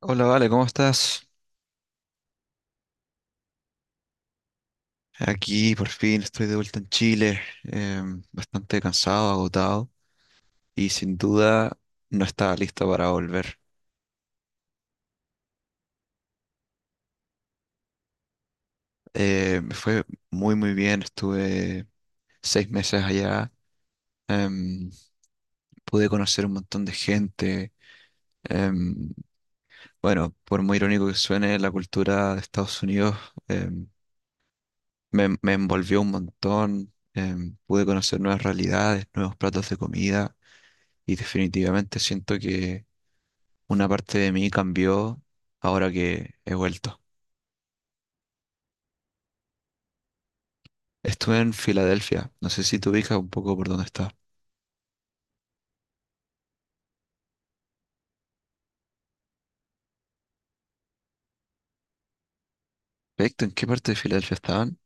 Hola, Vale, ¿cómo estás? Aquí por fin estoy de vuelta en Chile, bastante cansado, agotado y sin duda no estaba listo para volver. Me fue muy muy bien, estuve 6 meses allá, em, pude conocer un montón de gente. em, bueno, por muy irónico que suene, la cultura de Estados Unidos em, me envolvió un montón, pude conocer nuevas realidades, nuevos platos de comida. Y definitivamente siento que una parte de mí cambió ahora que he vuelto. Estuve en Filadelfia. No sé si te ubicas un poco por dónde está. Perfecto, ¿en qué parte de Filadelfia estaban?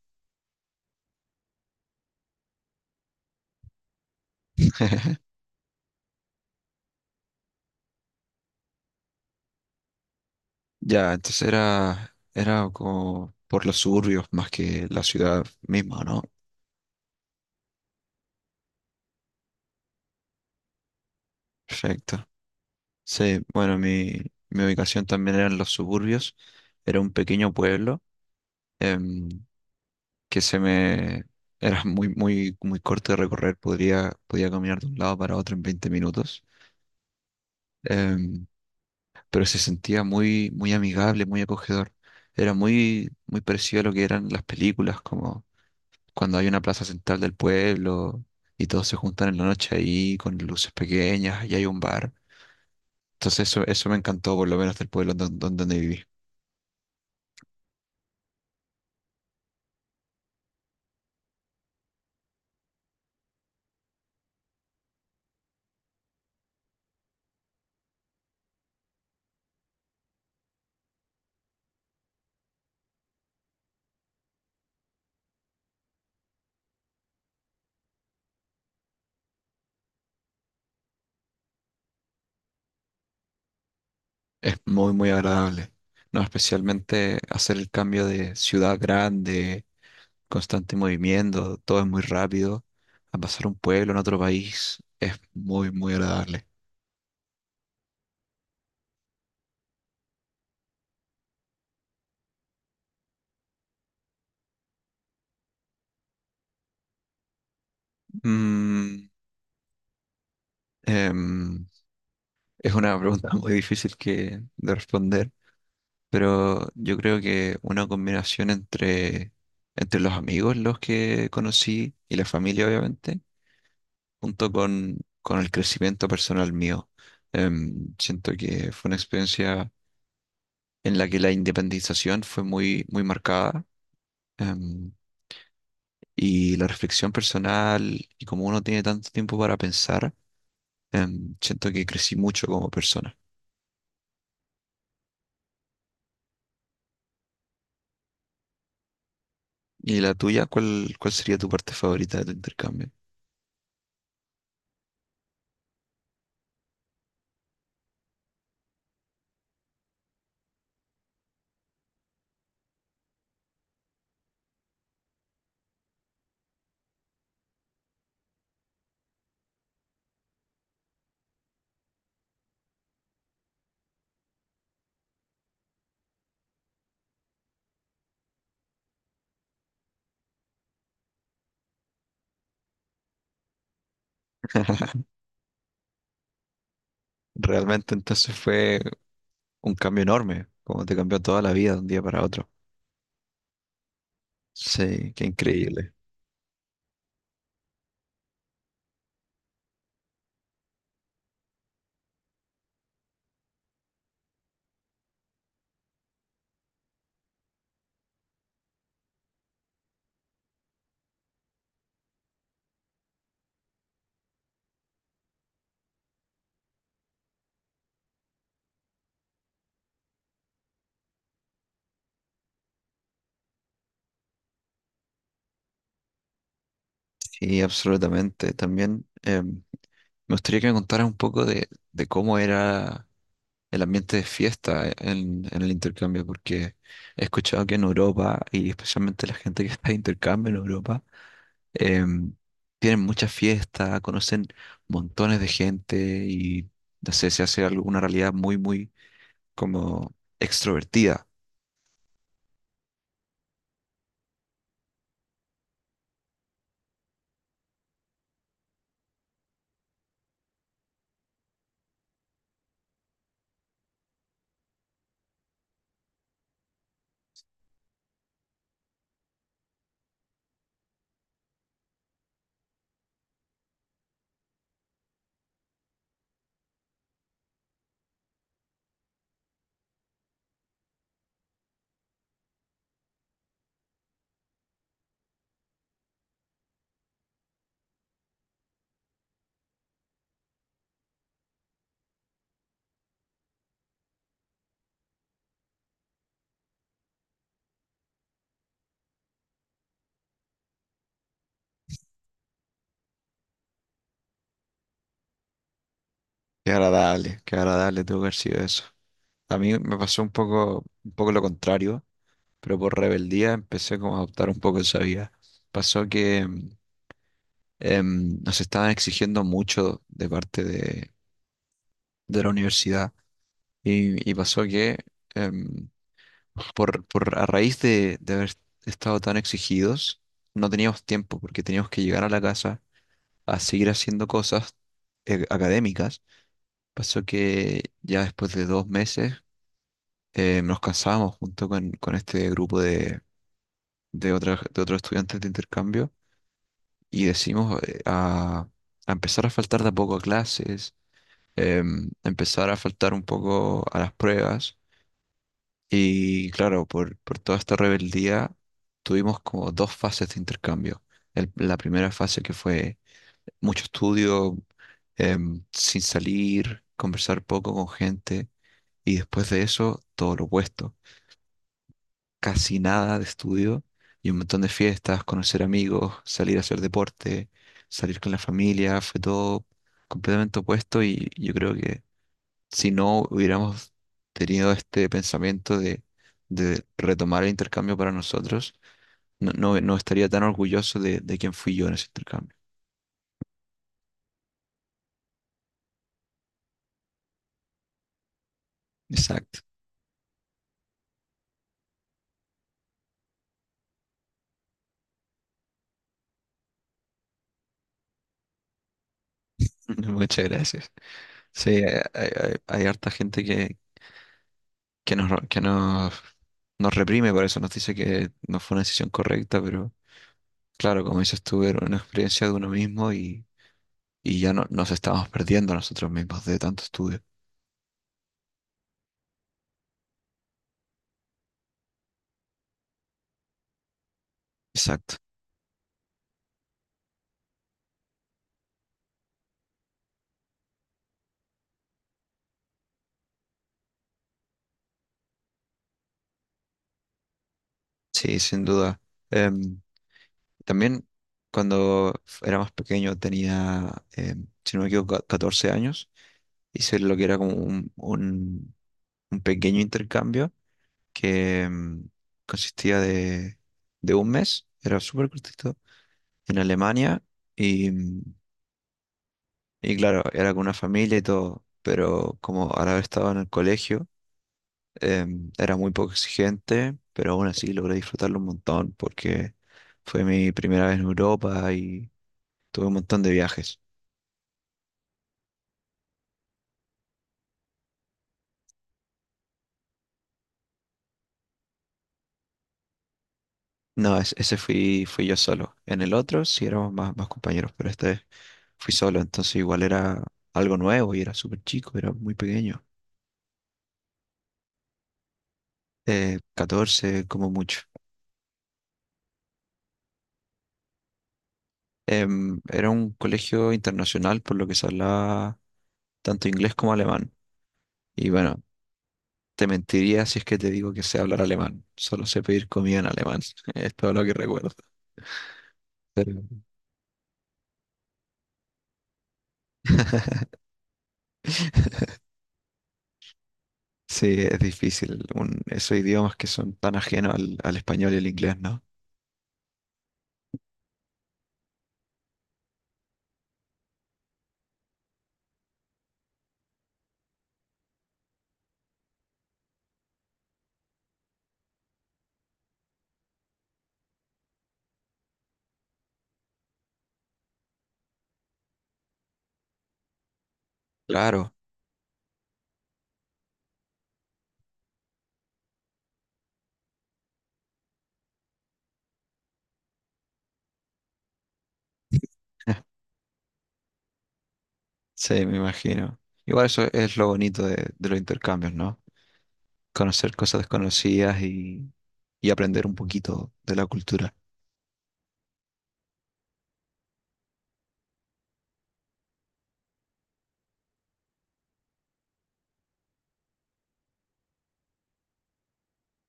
Ya, entonces era como por los suburbios más que la ciudad misma, ¿no? Perfecto. Sí, bueno, mi ubicación también era en los suburbios. Era un pequeño pueblo em, que se me... Era muy, muy, muy corto de recorrer. Podía caminar de un lado para otro en 20 minutos. Em, pero se sentía muy, muy amigable, muy acogedor. Era muy, muy parecido a lo que eran las películas, como cuando hay una plaza central del pueblo y todos se juntan en la noche ahí con luces pequeñas y hay un bar. Entonces eso me encantó, por lo menos del pueblo donde viví. Es muy, muy agradable. No, especialmente hacer el cambio de ciudad grande, constante movimiento, todo es muy rápido, a pasar un pueblo en otro país, es muy, muy agradable. Mm, em, Es una pregunta muy difícil de responder, pero yo creo que una combinación entre los amigos, los que conocí, y la familia, obviamente, junto con el crecimiento personal mío. Siento que fue una experiencia en la que la independización fue muy, muy marcada, em, y la reflexión personal, y como uno tiene tanto tiempo para pensar. Siento que crecí mucho como persona. ¿Y la tuya? ¿Cuál sería tu parte favorita de tu intercambio? Realmente entonces fue un cambio enorme, como te cambió toda la vida de un día para otro. Sí, qué increíble. Sí, absolutamente. También me gustaría que me contaras un poco de cómo era el ambiente de fiesta en el intercambio, porque he escuchado que en Europa, y especialmente la gente que está de intercambio en Europa, em, tienen muchas fiestas, conocen montones de gente y, no sé, se hace alguna realidad muy, muy como extrovertida. Qué agradable tuvo que haber sido eso. A mí me pasó un poco lo contrario, pero por rebeldía empecé como a adoptar un poco esa vida. Pasó que nos estaban exigiendo mucho de parte de la universidad y pasó que em, a raíz de haber estado tan exigidos, no teníamos tiempo porque teníamos que llegar a la casa a seguir haciendo cosas académicas. Pasó que ya después de 2 meses nos cansábamos junto con este grupo de otros estudiantes de intercambio y decimos a empezar a faltar de a poco a clases, empezar a faltar un poco a las pruebas. Y claro, por toda esta rebeldía tuvimos como dos fases de intercambio. La primera fase que fue mucho estudio, sin salir, conversar poco con gente, y después de eso todo lo opuesto, casi nada de estudio y un montón de fiestas, conocer amigos, salir a hacer deporte, salir con la familia, fue todo completamente opuesto. Y yo creo que si no hubiéramos tenido este pensamiento de retomar el intercambio para nosotros, no estaría tan orgulloso de quién fui yo en ese intercambio. Exacto. Muchas gracias. Sí, hay harta gente que nos, que nos, nos reprime por eso, nos dice que no fue una decisión correcta, pero, claro, como dices tú, era una experiencia de uno mismo, y ya no, nos estábamos perdiendo nosotros mismos de tanto estudio. Exacto. Sí, sin duda. Em, También cuando era más pequeño tenía, si no me equivoco, 14 años. Hice lo que era como un pequeño intercambio que consistía de un mes, era súper cortito, en Alemania y, mm, y claro, era con una familia y todo, pero como al haber estado en el colegio. Era muy poco exigente, pero aún así logré disfrutarlo un montón porque fue mi primera vez en Europa y tuve un montón de viajes. No, ese fui yo solo. En el otro sí éramos más compañeros, pero este fui solo, entonces igual era algo nuevo y era súper chico, era muy pequeño. 14 como mucho. Era un colegio internacional por lo que se hablaba tanto inglés como alemán. Y bueno, te mentiría si es que te digo que sé hablar alemán. Solo sé pedir comida en alemán. Es todo lo que recuerdo. Pero- Sí, es difícil. Esos idiomas que son tan ajenos al español y al inglés, ¿no? Claro. Sí, me imagino. Igual eso es lo bonito de los intercambios, ¿no? Conocer cosas desconocidas y aprender un poquito de la cultura.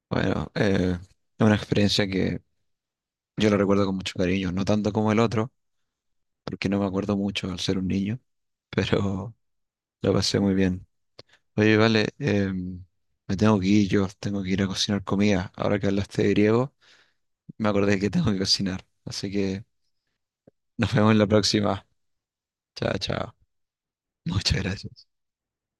Bueno, es una experiencia que yo la recuerdo con mucho cariño, no tanto como el otro, porque no me acuerdo mucho al ser un niño, pero la pasé muy bien. Oye, Vale, me tengo que ir, yo tengo que ir a cocinar comida. Ahora que hablaste de griego, me acordé que tengo que cocinar. Así que nos vemos en la próxima. Chao, chao. Muchas gracias.